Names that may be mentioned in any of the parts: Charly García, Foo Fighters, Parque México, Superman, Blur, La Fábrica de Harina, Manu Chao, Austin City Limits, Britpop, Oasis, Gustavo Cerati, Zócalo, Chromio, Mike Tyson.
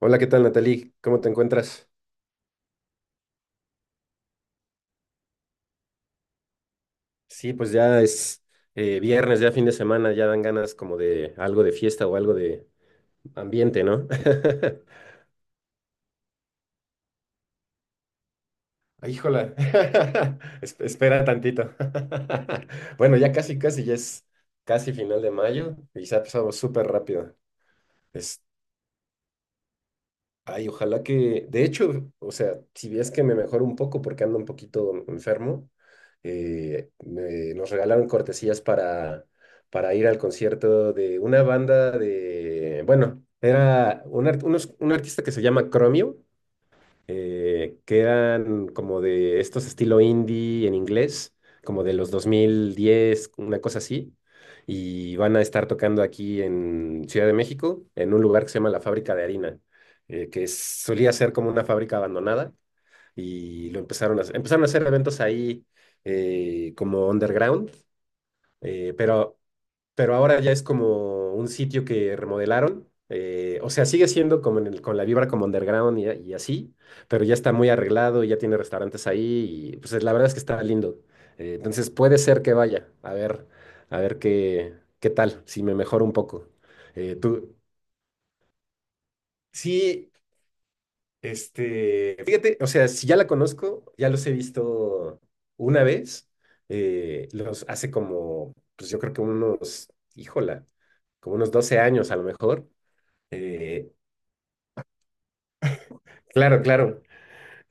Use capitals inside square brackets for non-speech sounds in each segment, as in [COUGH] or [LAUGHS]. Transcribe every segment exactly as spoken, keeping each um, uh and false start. Hola, ¿qué tal, Natalie? ¿Cómo te encuentras? Sí, pues ya es eh, viernes, ya fin de semana, ya dan ganas como de algo de fiesta o algo de ambiente, ¿no? [LAUGHS] Ay, híjola, [LAUGHS] Es- espera tantito. [LAUGHS] Bueno, ya casi, casi, ya es casi final de mayo y se ha pasado súper rápido. Ay, ojalá que, de hecho, o sea, si ves que me mejoro un poco porque ando un poquito enfermo, eh, me- nos regalaron cortesías para, para ir al concierto de una banda de, bueno, era un, art- unos- un artista que se llama Chromio, eh, que eran como de estos estilo indie en inglés, como de los dos mil diez una cosa así. Y van a estar tocando aquí en Ciudad de México, en un lugar que se llama La Fábrica de Harina, eh, que es- solía ser como una fábrica abandonada. Y lo empezaron a, hacer- empezaron a hacer eventos ahí eh, como underground, eh, pero pero ahora ya es como un sitio que remodelaron. Eh, o sea, sigue siendo como en el- con la vibra como underground y, y así, pero ya está muy arreglado, ya tiene restaurantes ahí y pues la verdad es que está lindo. Eh, entonces puede ser que vaya, a ver, a ver qué, qué tal, si me mejoro un poco. Eh, tú, sí, este, fíjate, o sea, si ya la conozco, ya los he visto una vez, eh, los hace como, pues yo creo que unos, híjola, como unos doce años a lo mejor. eh, claro, claro,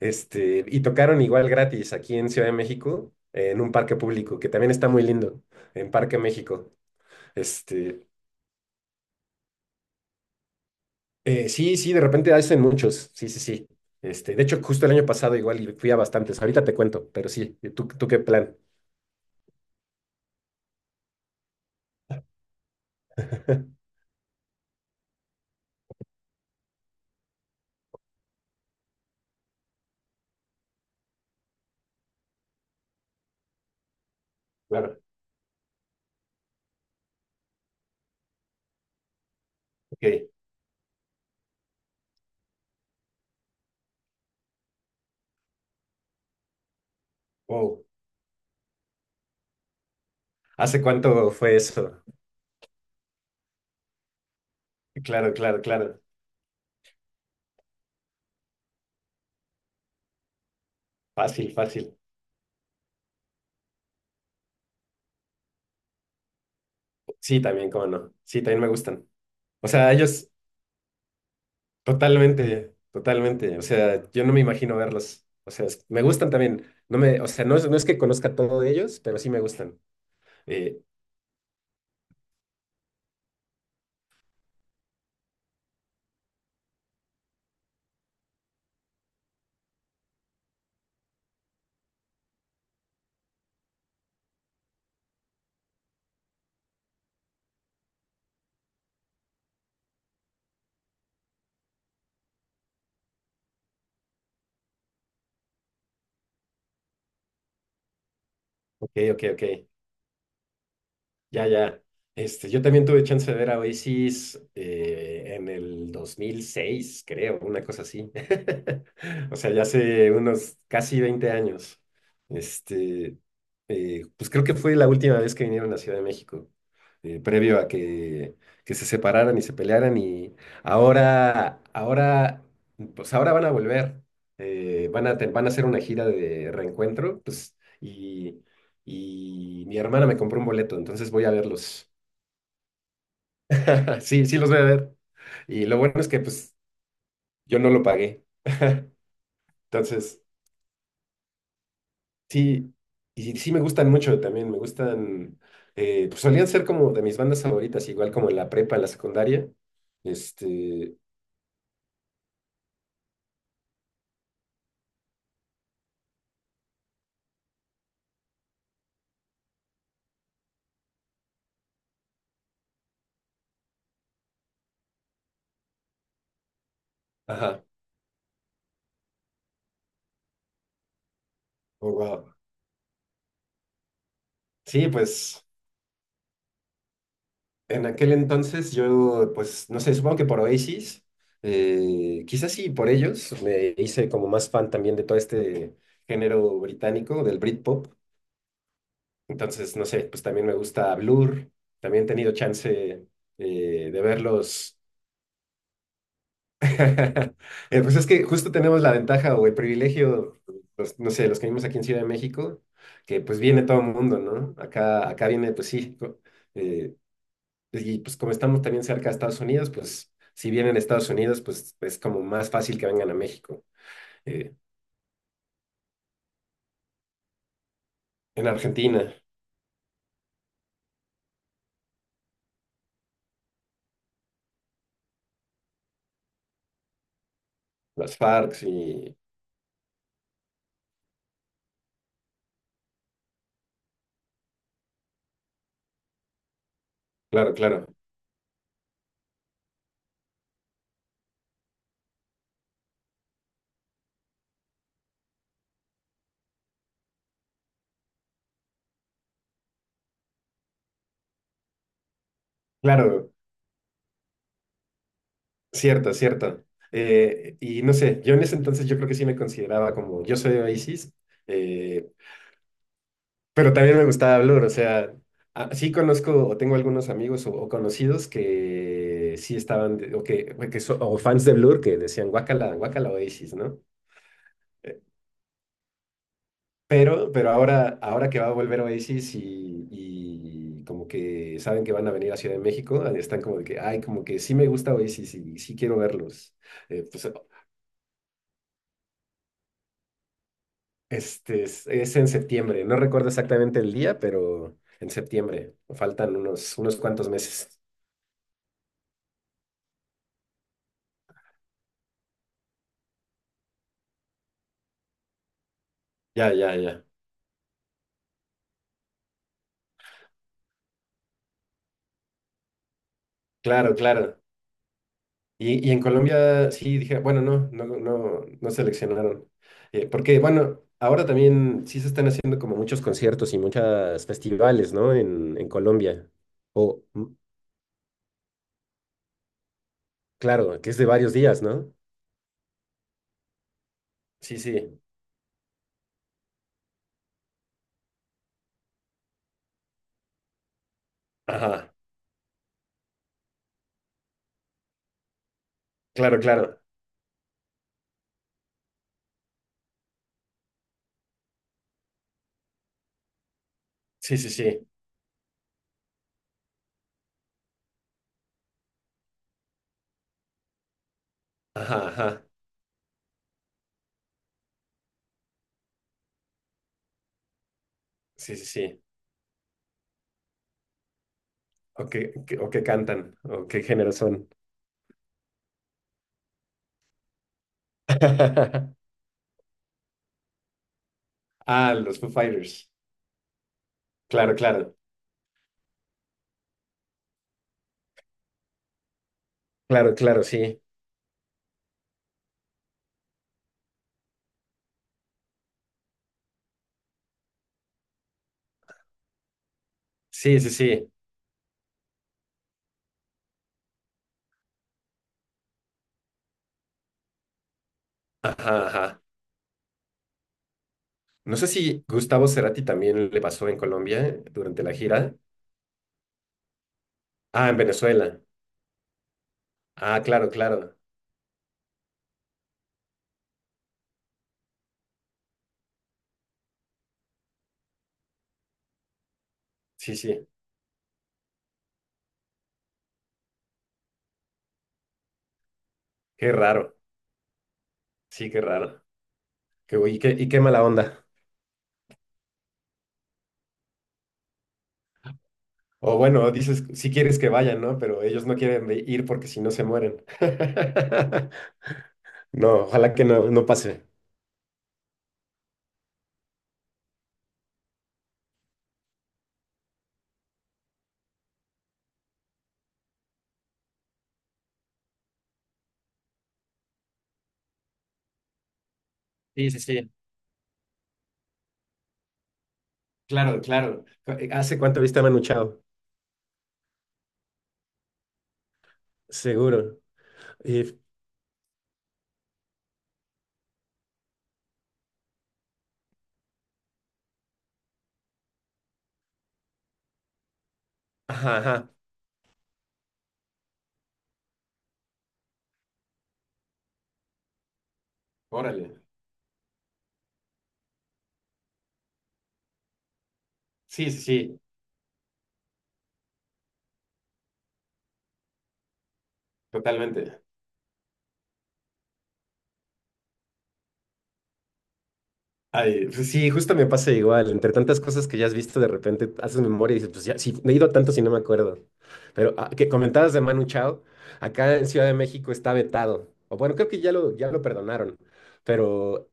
este, y tocaron igual gratis aquí en Ciudad de México, eh, en un parque público, que también está muy lindo, en Parque México. Este, eh, sí, sí, de repente hacen muchos, sí, sí, sí. Este, de hecho, justo el año pasado igual y fui a bastantes, ahorita te cuento, pero sí, ¿tú, tú qué plan? [LAUGHS] Claro. Ok, wow. ¿Hace cuánto fue eso? Claro, claro, claro. Fácil, fácil. Sí, también, cómo no. Sí, también me gustan. O sea, ellos totalmente, totalmente. O sea, yo no me imagino verlos. O sea, es- me gustan también. No me, o sea, no es, no es que conozca todo de ellos, pero sí me gustan. Eh, ok, ok, ok. Ya, ya. Este, yo también tuve chance de ver a Oasis eh, en el dos mil seis, creo, una cosa así. [LAUGHS] O sea, ya hace unos casi veinte años. Este, eh, pues creo que fue la última vez que vinieron a Ciudad de México, eh, previo a que, que, se separaran y se pelearan. Y ahora, ahora, pues ahora van a volver. Eh, van a, te- van a hacer una gira de reencuentro, pues, y mi hermana me compró un boleto, entonces voy a verlos. [LAUGHS] Sí, sí los voy a ver. Y lo bueno es que pues yo no lo pagué. Entonces, sí, y sí me gustan mucho también, me gustan, eh, pues solían ser como de mis bandas favoritas, igual como en la prepa, en la secundaria. Este, ajá, oh, wow. Sí, pues en aquel entonces yo, pues no sé, supongo que por Oasis, eh, quizás sí por ellos, me hice como más fan también de todo este género británico, del Britpop. Entonces, no sé, pues también me gusta Blur, también he tenido chance eh, de verlos. [LAUGHS] Eh, pues es que justo tenemos la ventaja o el privilegio, pues, no sé, los que vivimos aquí en Ciudad de México, que pues viene todo el mundo, ¿no? Acá, acá viene, pues sí, co- eh, y pues como estamos también cerca de Estados Unidos, pues si vienen a Estados Unidos, pues es como más fácil que vengan a México. Eh, en Argentina, las F A R C y claro, claro. Claro, cierto, cierto. Eh, y no sé, yo en ese entonces yo creo que sí me consideraba como, yo soy de Oasis, eh, pero también me gustaba Blur, o sea, a- sí conozco o tengo algunos amigos o, o conocidos que sí estaban, de- o que, o que so- o fans de Blur que decían, guácala, guácala Oasis, ¿no? Eh, Pero, pero ahora, ahora que va a volver Oasis y, y como que saben que van a venir a Ciudad de México, están como de que, ay, como que sí me gusta Oasis y sí quiero verlos. Eh, pues este es, es en septiembre. No recuerdo exactamente el día, pero en septiembre. Faltan unos, unos cuantos meses. Ya, ya, ya. Claro, claro. Y, y en Colombia sí dije, bueno, no, no, no, no seleccionaron. Eh, porque, bueno, ahora también sí se están haciendo como muchos conciertos y muchos festivales, ¿no? En, en Colombia. O, mm, claro, que es de varios días, ¿no? Sí, sí. Ajá. Claro, claro. Sí, sí, sí. Ajá, ajá. Sí, sí, sí. ¿O qué, qué- o qué cantan? ¿O qué género son? [LAUGHS] Ah, los Foo Fighters. Claro, claro. Claro, claro, sí. Sí, sí, sí. Ajá, ajá. No sé si Gustavo Cerati también le pasó en Colombia durante la gira. Ah, en Venezuela. Ah, claro, claro. Sí, sí. Qué raro. Sí, qué raro. Qué, y qué, y qué mala onda. O bueno, dices, si quieres que vayan, ¿no? Pero ellos no quieren ve- ir porque si no se mueren. [LAUGHS] No, ojalá que no, no pase. Sí, sí, sí. Claro, claro. Eh, ¿Hace cuánto viste a Manu Chao? Seguro. Y, ajá, ajá. Órale. Sí, sí, sí, totalmente. Ay, pues sí, justo me pasa igual. Entre tantas cosas que ya has visto, de repente haces memoria y dices, pues ya, sí, me he ido a tanto si no me acuerdo. Pero ah, que comentabas de Manu Chao, acá en Ciudad de México está vetado. O bueno, creo que ya lo, ya lo perdonaron. Pero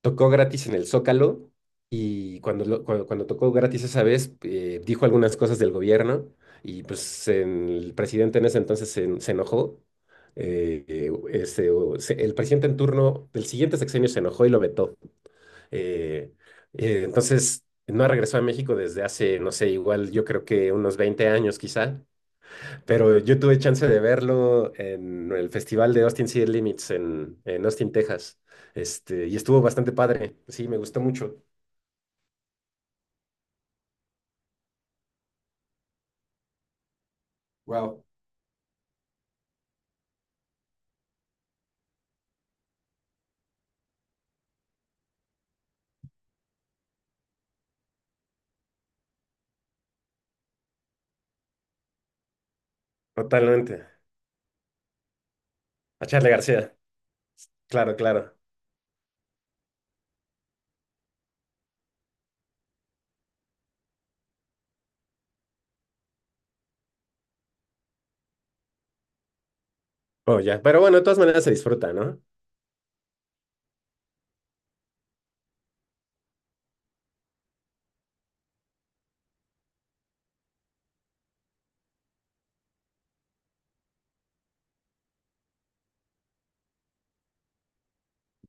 tocó gratis en el Zócalo y cuando, lo- cuando, cuando tocó gratis esa vez, eh, dijo algunas cosas del gobierno y pues en- el presidente en ese entonces se, en- se enojó. eh, eh, ese, o- se- el presidente en turno del siguiente sexenio se enojó y lo vetó. Eh, eh, entonces no regresó a México desde hace, no sé, igual yo creo que unos veinte años quizá. Pero yo tuve chance de verlo en el festival de Austin City Limits en, en Austin, Texas. Este, y estuvo bastante padre. Sí, me gustó mucho. Wow. Totalmente. A Charly García. Claro, claro. Oh, ya. Pero bueno, de todas maneras se disfruta, ¿no?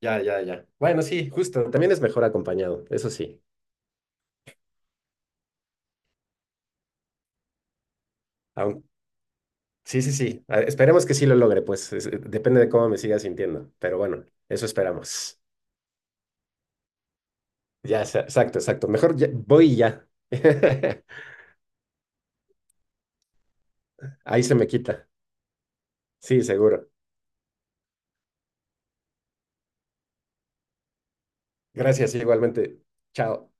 Ya, ya, ya. Bueno, sí, justo. También es mejor acompañado, eso sí. Aun- Sí, sí, sí. A- Esperemos que sí lo logre, pues. es- eh, depende de cómo me siga sintiendo. Pero bueno, eso esperamos. Ya, sa- exacto, exacto. Mejor ya- voy y ya. [LAUGHS] Ahí se me quita. Sí, seguro. Gracias, igualmente. Chao.